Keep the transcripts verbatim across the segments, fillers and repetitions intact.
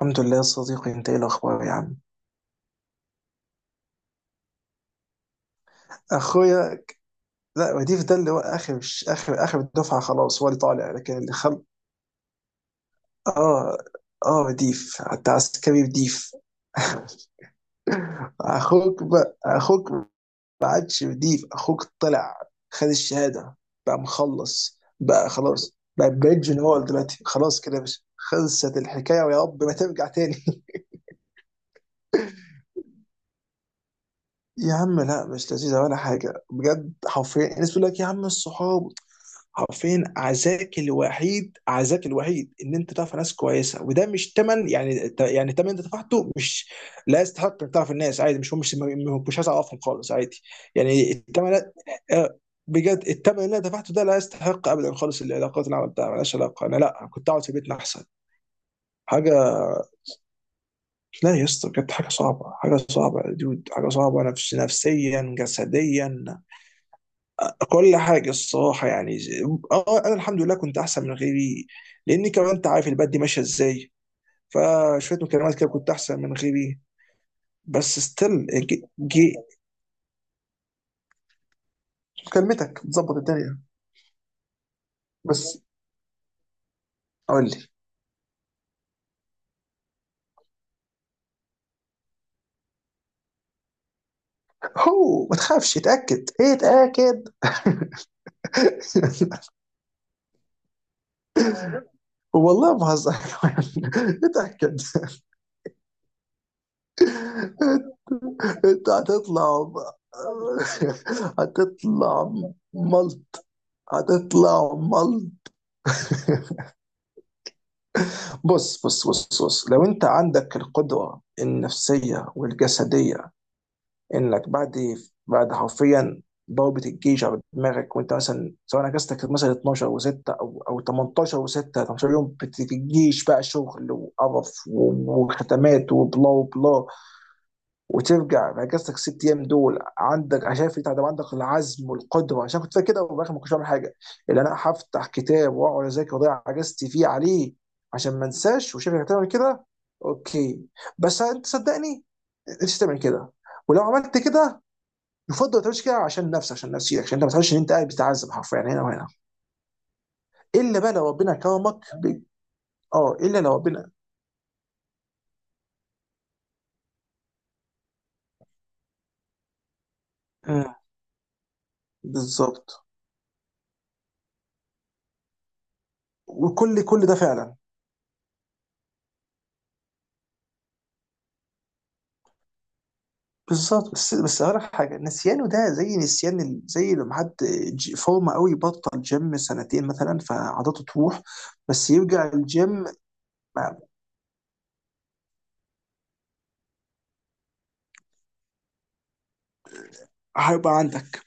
الحمد لله يا صديقي، انت ايه الاخبار يا عم؟ اخويا لا، وديف ده اللي هو اخر اخر اخر الدفعه، خلاص هو اللي طالع، لكن اللي خل... اه، اه وديف حتى عسكري وديف. اخوك بقى اخوك ما عادش، وديف اخوك طلع، خد الشهاده، بقى مخلص، بقى خلاص، بقى بقيت جنرال دلوقتي، خلاص كده، مش خلصت الحكايه، ويا رب ما ترجع تاني. يا عم، لا مش لذيذة ولا حاجة، بجد حرفيا الناس بتقول لك يا عم الصحاب، حرفيا عزاك الوحيد، عزاك الوحيد ان انت تعرف ناس كويسه، وده مش تمن، يعني يعني تمن انت دفعته، مش... لا يستحق انك تعرف الناس، عادي، مش هو مش مش عايز اعرفهم خالص، عادي. يعني التمن، آه، بجد التمن اللي انا دفعته ده لا يستحق ابدا خالص، العلاقات اللي عملتها ملهاش علاقه، انا لا كنت اقعد في بيتنا احسن حاجه. لا يا اسطى، بجد حاجه صعبه، حاجه صعبه يا دود، حاجه صعبه نفس نفسيا جسديا، كل حاجة الصراحة يعني ز- اه، انا الحمد لله كنت احسن من غيري، لاني كمان انت عارف البلد دي ماشية ازاي، فشوية مكالمات كده كنت احسن من غيري. بس ستيل جي. مكالمتك بتظبط الدنيا بس قول لي. هو ما تخافش، اتأكد، ايه اتأكد. والله ما بهزر. اتأكد. انت هتطلع م- هتطلع ملط هتطلع ملط. بص بص بص بص، لو انت عندك القدرة النفسية والجسدية انك بعد بعد حرفيا ضربة الجيش على دماغك، وانت مثلا سواء اجازتك كانت مثلا اتناشر و6 او او تمنتاشر و6، تمنتاشر يوم بت- الجيش بقى شغل وقرف و- وختمات وبلا وبلا، وترجع نجزتك ست ايام دول، عندك عشان في تعب، عندك العزم والقدره، عشان كنت فاكر كده، وفي الاخر ما كنتش بعمل حاجه، اللي انا هفتح كتاب واقعد اذاكر واضيع اجازتي فيه عليه، عشان ما انساش، وشايفك هتعمل كده. اوكي، بس انت صدقني، انت تعمل كده، ولو عملت كده يفضل ما تعملش كده، عشان نفسك، عشان نفسيتك، عشان انت ما تحسش ان انت قاعد بتتعذب حرفيا يعني، هنا وهنا. الا بقى لو ربنا كرمك ب- اه الا لو ربنا. مم. بالظبط. وكل كل ده فعلا. بالظبط، بس بس هقول لك حاجه، نسيانه ده زي نسيان ال- زي لما حد ج- فورمه قوي، بطل جيم سنتين مثلا، فعضلاته تروح، بس يرجع الجيم. ما- هيبقى عندك،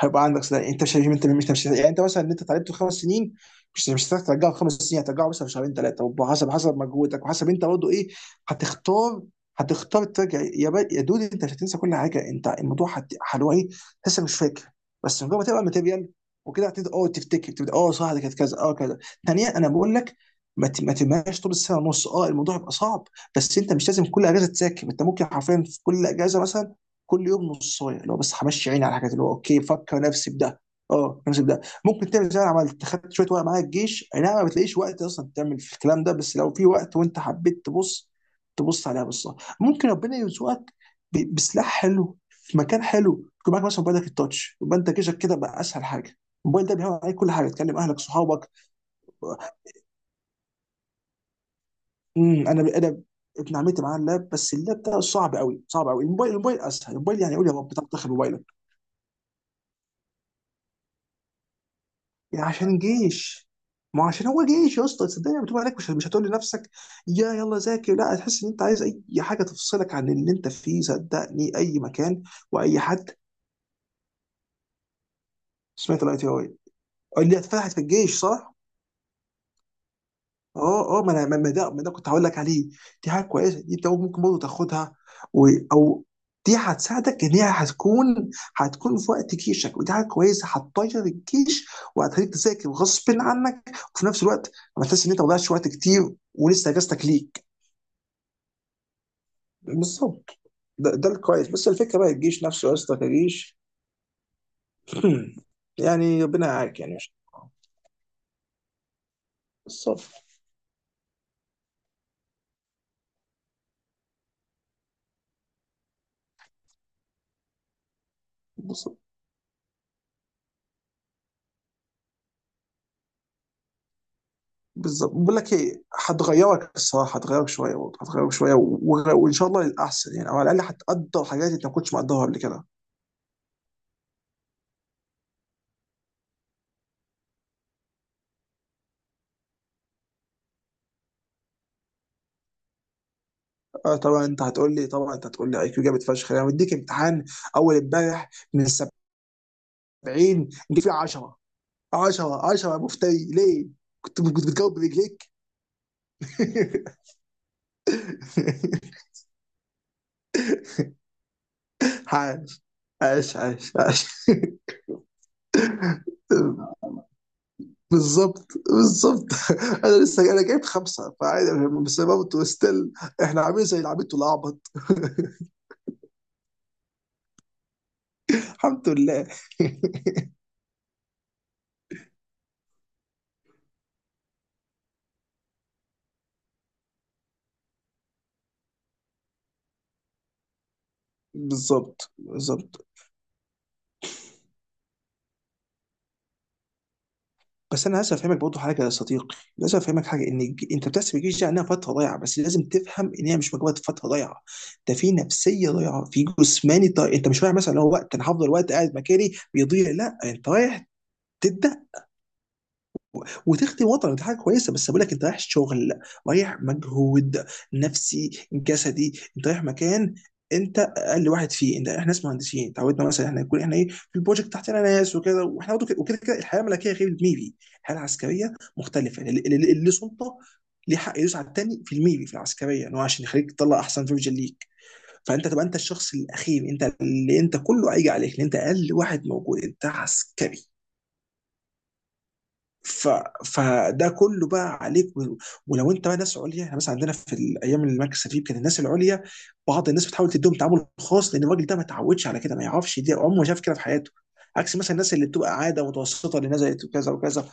هيبقى عندك صداع، يعني انت مش، انت مش مش يعني انت مثلا اللي انت اتعلمته خمس سنين، مش مش هتعرف ترجعه في خمس سنين، هترجعه مثلا في شهرين ثلاثه، وحسب حسب مجهودك، وحسب انت برضه ايه. هتختار هتختار ترجع يا با... يا دودي، انت مش هتنسى كل حاجه، انت الموضوع هت... هو ايه، لسه مش فاكر، بس مجرد ما تبقى الماتيريال وكده هتبدا اه تفتكر، تبدا اه صح ده كانت كذا، اه كذا. ثانيا انا بقول لك ما ت- ما تبقاش طول السنه ونص، اه الموضوع هيبقى صعب، بس انت مش لازم كل اجازه تذاكر، انت ممكن حرفيا في كل اجازه مثلا كل يوم نصايه، لو بس همشي عيني على الحاجات، اللي هو اوكي بفكر نفسي بده، اه نفسي بده، ممكن تعمل زي ما أنا عملت، خدت شويه وقت معايا الجيش، اي نعم ما بتلاقيش وقت اصلا تعمل في الكلام ده، بس لو في وقت وانت حبيت تبص تبص عليها بصه، ممكن ربنا يرزقك ب- بسلاح حلو في مكان حلو، يكون معاك مثلا موبايلك التاتش، يبقى انت جيشك كده بقى اسهل حاجه، الموبايل ده بيعمل عليك كل حاجه، تكلم اهلك صحابك. امم انا انا ابن عمتي معاه اللاب، بس اللاب ده صعب قوي صعب قوي، الموبايل الموبايل اسهل، الموبايل يعني قول يا رب تعال تاخد موبايلك، يعني عشان جيش. ما هو عشان هو جيش يا اسطى، صدقني لما تبقى هناك، مش مش هتقول لنفسك يا يلا ذاكر، لا هتحس ان انت عايز اي حاجه تفصلك عن اللي انت فيه، صدقني اي مكان واي حد. سمعت الاي تي اي اللي اتفتحت في الجيش، صح؟ اه اه، ما انا ما ما ده ما ده كنت هقول لك عليه، دي حاجه كويسه، دي انت ممكن برضه تاخدها، و... او، دي هتساعدك ان هي هتكون هتكون في وقت جيشك، ودي حاجه كويسه هتطير الجيش، وهتخليك تذاكر غصب عنك، وفي نفس الوقت ما تحس ان انت ما ضيعتش وقت كتير، ولسه اجازتك ليك. بالظبط. ده, ده الكويس، بس الفكره بقى، الجيش نفسه يا اسطى كجيش. يعني ربنا يعاك يعني مش. بالظبط بالظبط بالظبط. بقول لك ايه، هتغيرك الصراحه، هتغيرك شويه برضه هتغيرك شويه و- و- وان شاء الله للاحسن يعني، او على الاقل هتقدر حاجات انت ما كنتش مقدرها قبل كده. آه، طبعا انت هتقول لي، طبعا انت هتقول لي اي كيو جامد فشخ، انا مديك امتحان اول امبارح من سبعين جه فيه عشرة، عشرة، عشرة، يا مفتري، ليه؟ كنت كنت بتجاوب برجليك. عاش، عاش عاش عاش. بالظبط بالظبط. انا لسه انا جايب خمسه، فعادي بس برضه ستيل، احنا عاملين زي العبيط والاعبط. الحمد لله. بالظبط، بالظبط. بس انا لازم افهمك برضه حاجه يا صديقي، لازم افهمك حاجه ان الج- انت بتحسب الجيش ده انها فتره ضايعه، بس لازم تفهم ان هي مش مجرد فتره ضايعه، ده في نفسيه ضايعه، في جسماني ضايع، انت مش رايح مثلا اللي هو وقت انا هفضل وقت قاعد مكاني بيضيع، لا انت رايح، تدخل وتخدم وطنك، دي حاجه كويسه، بس بقول لك انت رايح شغل، رايح مجهود نفسي جسدي، انت رايح مكان، انت اقل واحد فيه، انت احنا ناس مهندسين تعودنا مثلا احنا يكون احنا ايه في البروجكت تحتنا ناس وكده، واحنا برضه كده- وكده كده الحياه الملكيه غير الميري، الحياه العسكريه مختلفه، اللي اللي- اللي سلطه ليه حق يدوس على التاني في الميري، في العسكريه ان هو عشان يخليك تطلع احسن فيرجن ليك، فانت تبقى انت الشخص الاخير، انت اللي انت كله هيجي عليك، لان انت اقل واحد موجود، انت عسكري. ف... فده كله بقى عليك و... ولو انت بقى ناس عليا، يعني مثلا عندنا في الايام اللي المركز فيه كان الناس العليا، بعض الناس بتحاول تديهم تعامل خاص، لان الراجل ده ما اتعودش على كده، ما يعرفش دي، عمره ما شاف كده في حياته، عكس مثلا الناس اللي بتبقى عاده متوسطه اللي نزلت وكذا وكذا،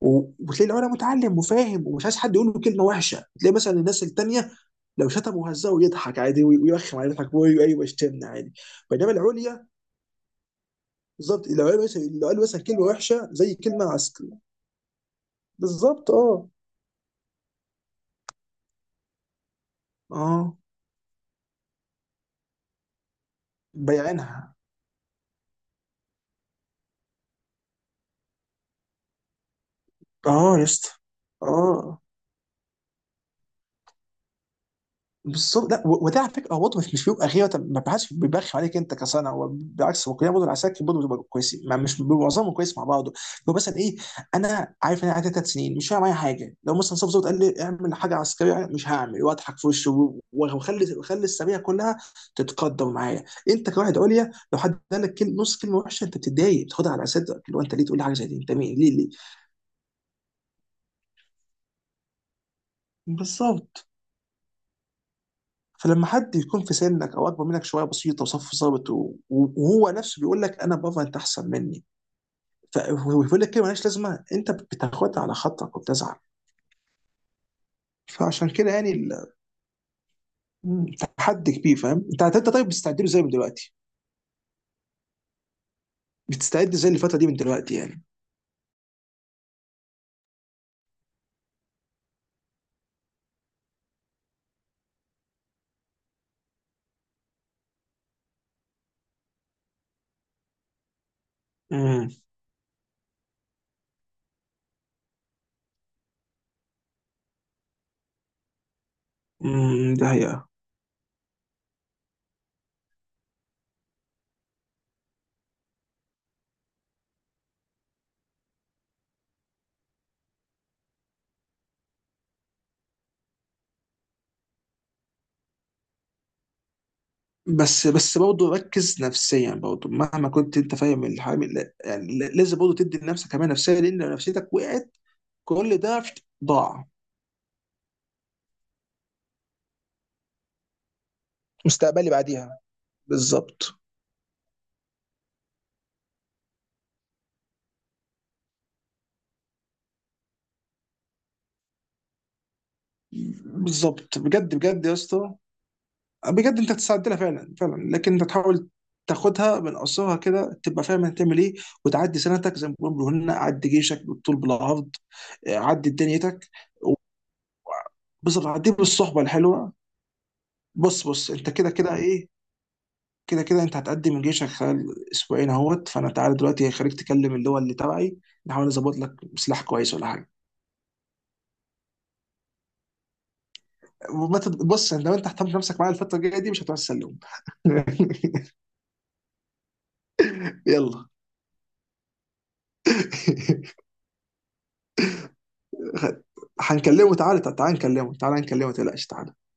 و- وتلاقي العليا متعلم وفاهم، ومش عايز حد يقول له كلمه وحشه، تلاقي مثلا الناس التانيه لو شتم وهزه يضحك عادي وي- ويرخم عليه يضحك وي- ايوه يشتمنا عادي، بينما العليا، بالظبط، لو قال مثلا لو قال مثلا كلمه وحشه زي كلمه عسكري. بالظبط اه اه، بايعينها. اه يا اسطى اه. بالظبط، لا و- وده على فكره، هو برضه مش مش بيبقى غيره، طب ما بحدش بيبخم عليك انت كصنع، هو بالعكس هو كلنا برضه العساكر برضه بتبقى كويسين، ما مش بيبقى معظمهم كويس مع بعضه، هو مثلا ايه، انا عارف ان انا قاعد ثلاث سنين، مش هعمل معايا حاجه، لو مثلا صف ظابط قال لي اعمل حاجه عسكريه مش هعمل، واضحك في وشه و- وخلي وخلي السريه كلها تتقدر معايا، انت كواحد عليا لو حد قال لك كلمه، نص كلمه وحشه، انت بتتضايق، بتاخدها على اساس اللي هو، انت ليه تقول لي حاجه زي دي، انت مين، ليه ليه، بالظبط. فلما حد يكون في سنك او اكبر منك شويه بسيطه، وصف ظابط و- وهو نفسه بيقول لك انا بابا انت احسن مني، فبيقول لك كلمه مالهاش لازمه، انت بتاخدها على خاطرك وبتزعل. فعشان كده يعني ال- مم، تحدي كبير، فاهم، انت انت طيب بتستعد له ازاي من دلوقتي، بتستعد ازاي للفتره دي من دلوقتي يعني. امم امم ده هي، بس بس برضه ركز نفسيا برضه مهما كنت انت فاهم الحامل، لا- يعني لا- لازم برضه تدي لنفسك حمايه نفسيه، لان لو نفسيتك وقعت كل ده ضاع، مستقبلي بعديها. بالظبط، بالظبط بجد بجد يا اسطى، بجد انت تستعدلها فعلا، فعلا لكن انت تحاول تاخدها من قصرها كده، تبقى فاهم هتعمل ايه، وتعدي سنتك زي ما بيقولوا هنا عدي جيشك بالطول بالعرض، آه، عدي دنيتك و- بالظبط، عدي بالصحبه الحلوه. بص بص انت كده كده ايه، كده كده انت هتقدم من جيشك خلال اسبوعين اهوت، فانا تعالى دلوقتي هخليك تكلم اللي هو اللي تبعي، نحاول نظبط لك سلاح كويس ولا حاجه. وما تت- بص انت لو انت اهتمت نفسك معايا الفتره الجايه دي مش هتعرف تسلم. يلا. هنكلمه تعالى، تعالى نكلمه، تعالى نكلمه، ما تقلقش تعالى.